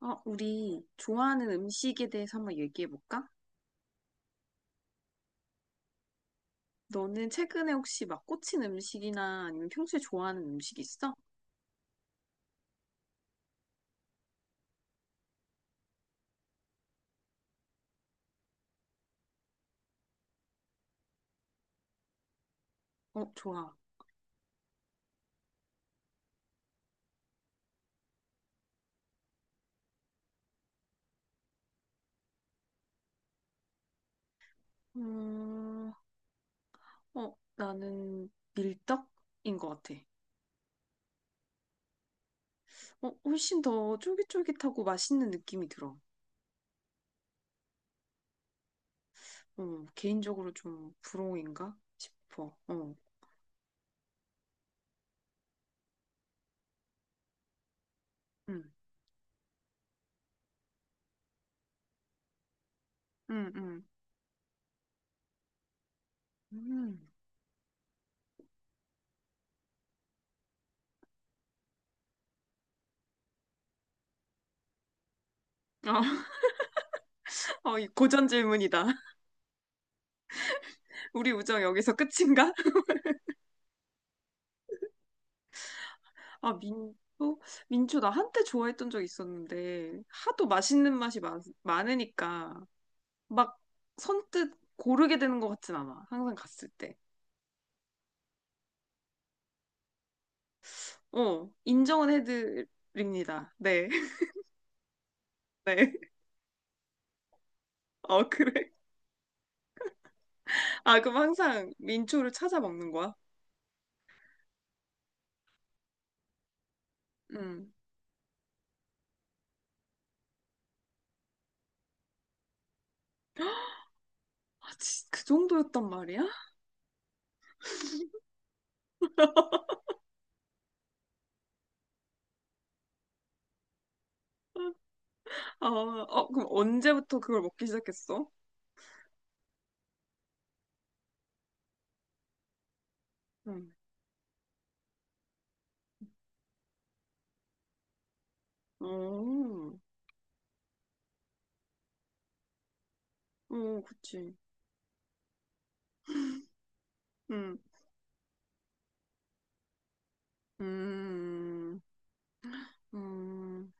우리 좋아하는 음식에 대해서 한번 얘기해 볼까? 너는 최근에 혹시 막 꽂힌 음식이나 아니면 평소에 좋아하는 음식 있어? 어, 좋아. 음, 나는 밀떡인 것 같아. 훨씬 더 쫄깃쫄깃하고 맛있는 느낌이 들어. 개인적으로 좀 부러움인가 싶어. 음, 음, 음. 음. 어, 이 고전 질문이다. 우리 우정 여기서 끝인가? 아, 민초? 민초, 나 한때 좋아했던 적 있었는데, 하도 맛있는 맛이 많으니까, 막 선뜻 고르게 되는 것 같진 않아. 항상 갔을 때. 인정은 해드립니다. 네, 네. 어, 그래. 아, 그럼 항상 민초를 찾아 먹는 거야? 음. 아, 그 정도였단 말이야? 그럼 언제부터 그걸 먹기 시작했어? 음. 오, 오, 그치. 음, 음, 음.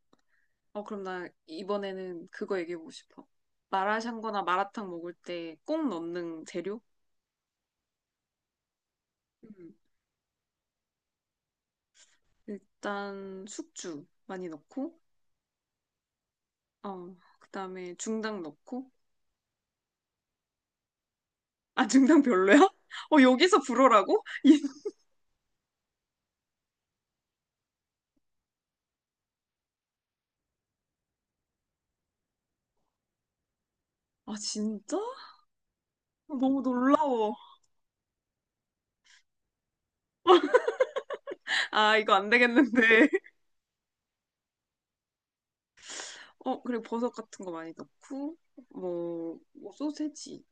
그럼 나 이번에는 그거 얘기해보고 싶어. 마라샹궈나 마라탕 먹을 때 꼭 넣는 재료? 음, 일단 숙주 많이 넣고, 그다음에 중당 넣고. 아, 중당 별로야? 어, 여기서 불어라고? 이- 아, 진짜? 너무 놀라워. 아, 이거 안 되겠는데. 그리고 버섯 같은 거 많이 넣고, 뭐 소세지.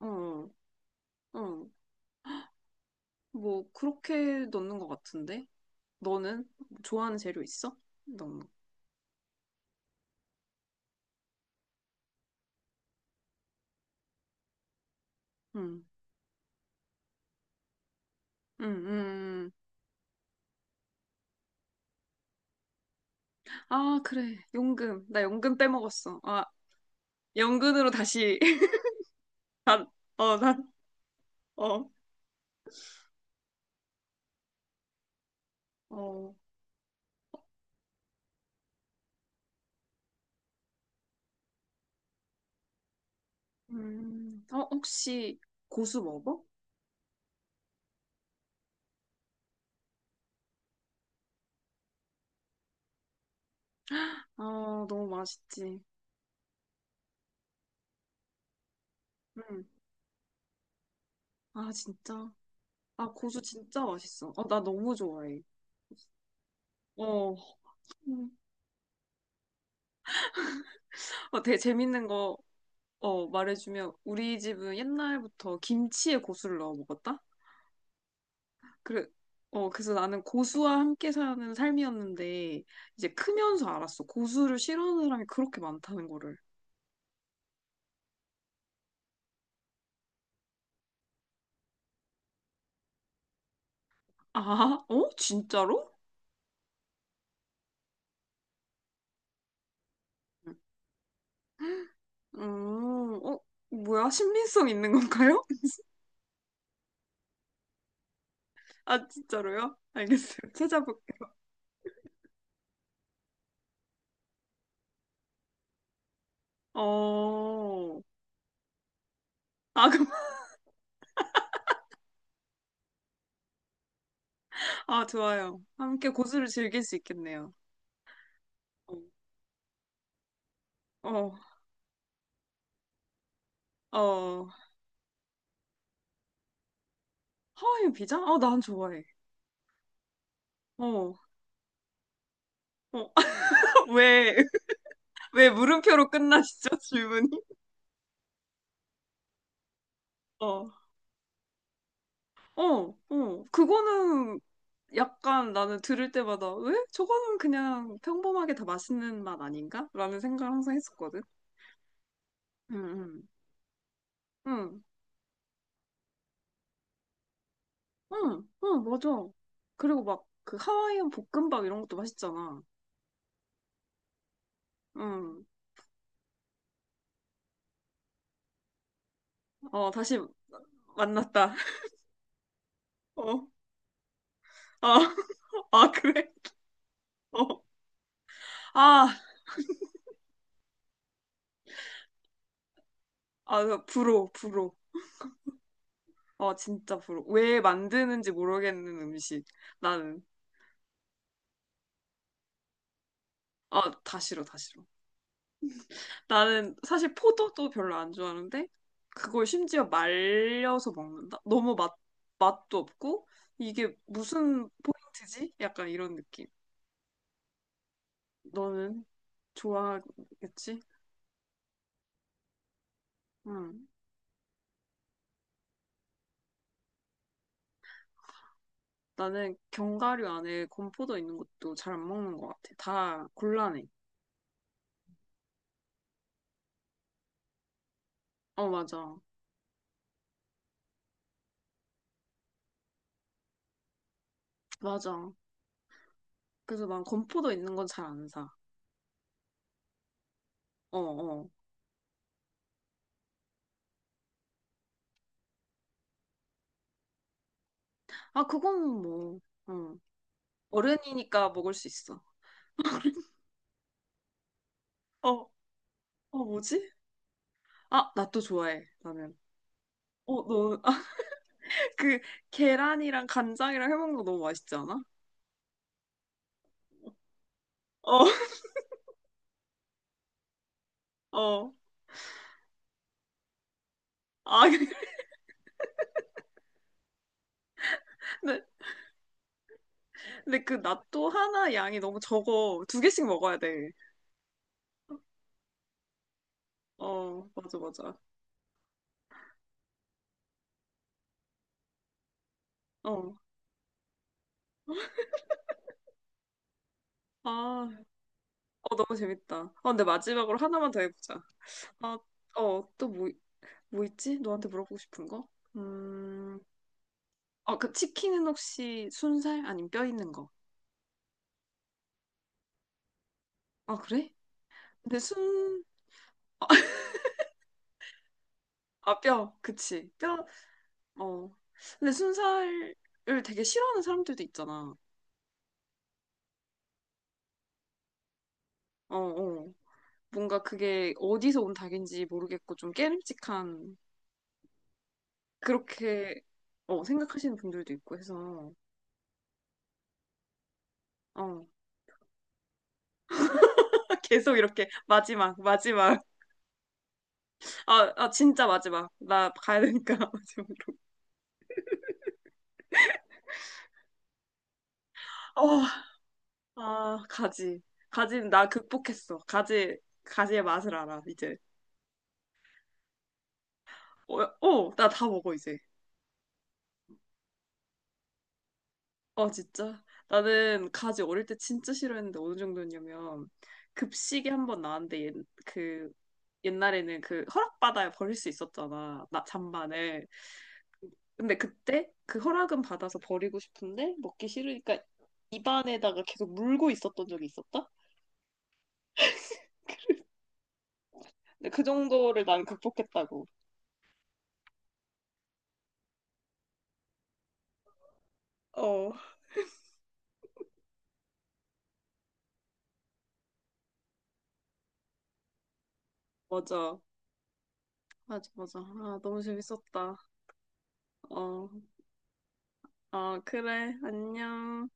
어, 어. 뭐, 그렇게 넣는 것 같은데? 너는 좋아하는 재료 있어? 넣는 음, 음, 음. 아, 그래. 연금. 나 연금 빼먹었어. 아, 연금으로 다시. 난, 어, 난, 어, 어. 어, 혹시 고수 먹어? 아, 너무 맛있지. 음. 아, 진짜. 아, 고수 진짜 맛있어. 나 너무 좋아해. 어, 음. 되게 재밌는 거, 말해주면 우리 집은 옛날부터 김치에 고수를 넣어 먹었다? 그래, 그래서 나는 고수와 함께 사는 삶이었는데, 이제 크면서 알았어. 고수를 싫어하는 사람이 그렇게 많다는 거를. 아, 어? 진짜로? 음, 어, 뭐야? 신빙성 있는 건가요? 아, 진짜로요? 알겠어요. 찾아볼게요. 어, 아, 그럼, 아, 좋아요. 함께 고수를 즐길 수 있겠네요. 어, 어, 어. 하와이안 피자? 아, 난 좋아해. 어, 어, 왜, 왜 물음표로 끝나시죠, 질문이? 어. 어, 어. 그거는 약간 나는 들을 때마다 왜? 저거는 그냥 평범하게 다 맛있는 맛 아닌가? 라는 생각을 항상 했었거든. 응, 응, 응, 응, 맞아. 그리고 막 그 하와이안 볶음밥 이런 것도 맛있잖아. 응. 어, 다시 만났다. 어, 아, 아, 그래? 어. 아, 아, 부러워, 부러워. 진짜 부러워. 왜 만드는지 모르겠는 음식. 나는. 아, 다 싫어, 다 싫어. 나는 사실 포도도 별로 안 좋아하는데 그걸 심지어 말려서 먹는다? 맛도 없고 이게 무슨 포인트지? 약간 이런 느낌. 너는 좋아하겠지? 응. 나는 견과류 안에 건포도 있는 것도 잘 안 먹는 것 같아. 다 곤란해. 어, 맞아. 맞아. 그래서 난 건포도 있는 건 잘 안 사. 어, 어. 아, 그건 뭐, 응. 어른이니까 먹을 수 있어. 어, 어, 뭐지? 아, 나 또 좋아해, 나는. 어, 너, 아, 그, 계란이랑 간장이랑 해먹는 거 너무 맛있지 않아? 어, 어. 아, 근데, 근데 그 낫또 하나 양이 너무 적어. 두 개씩 먹어야 돼. 어, 맞아, 맞아. 어. 아, 어, 너무 재밌다. 근데 마지막으로 하나만 더 해보자. 아, 어, 또 뭐, 뭐 있지? 너한테 물어보고 싶은 거? 음, 어, 그 치킨은 혹시 순살? 아니면 뼈 있는 거? 아, 그래? 근데 순, 아, 뼈, 그치. 뼈, 어. 근데 순살을 되게 싫어하는 사람들도 있잖아. 어, 어. 뭔가 그게 어디서 온 닭인지 모르겠고 좀 깨름직한 그렇게 생각하시는 분들도 있고 해서 어. 계속 이렇게 마지막 마지막 아 진짜 마지막 나 가야 되니까 마지막으로 어, 아 가지 가지는 나 극복했어 가지 가지의 맛을 알아 이제 어, 어, 나 다 먹어 이제 어, 진짜? 나는 가지 어릴 때 진짜 싫어했는데 어느 정도였냐면 급식이 한 번 나왔는데 옛, 그 옛날에는 그 허락받아야 버릴 수 있었잖아. 나 잔반을. 근데 그때 그 허락은 받아서 버리고 싶은데 먹기 싫으니까 입안에다가 계속 물고 있었던 적이 있었다? 근데 그 정도를 난 극복했다고. 어, 맞아. 맞아, 맞아. 아, 너무 재밌었다. 어, 아, 그래. 안녕.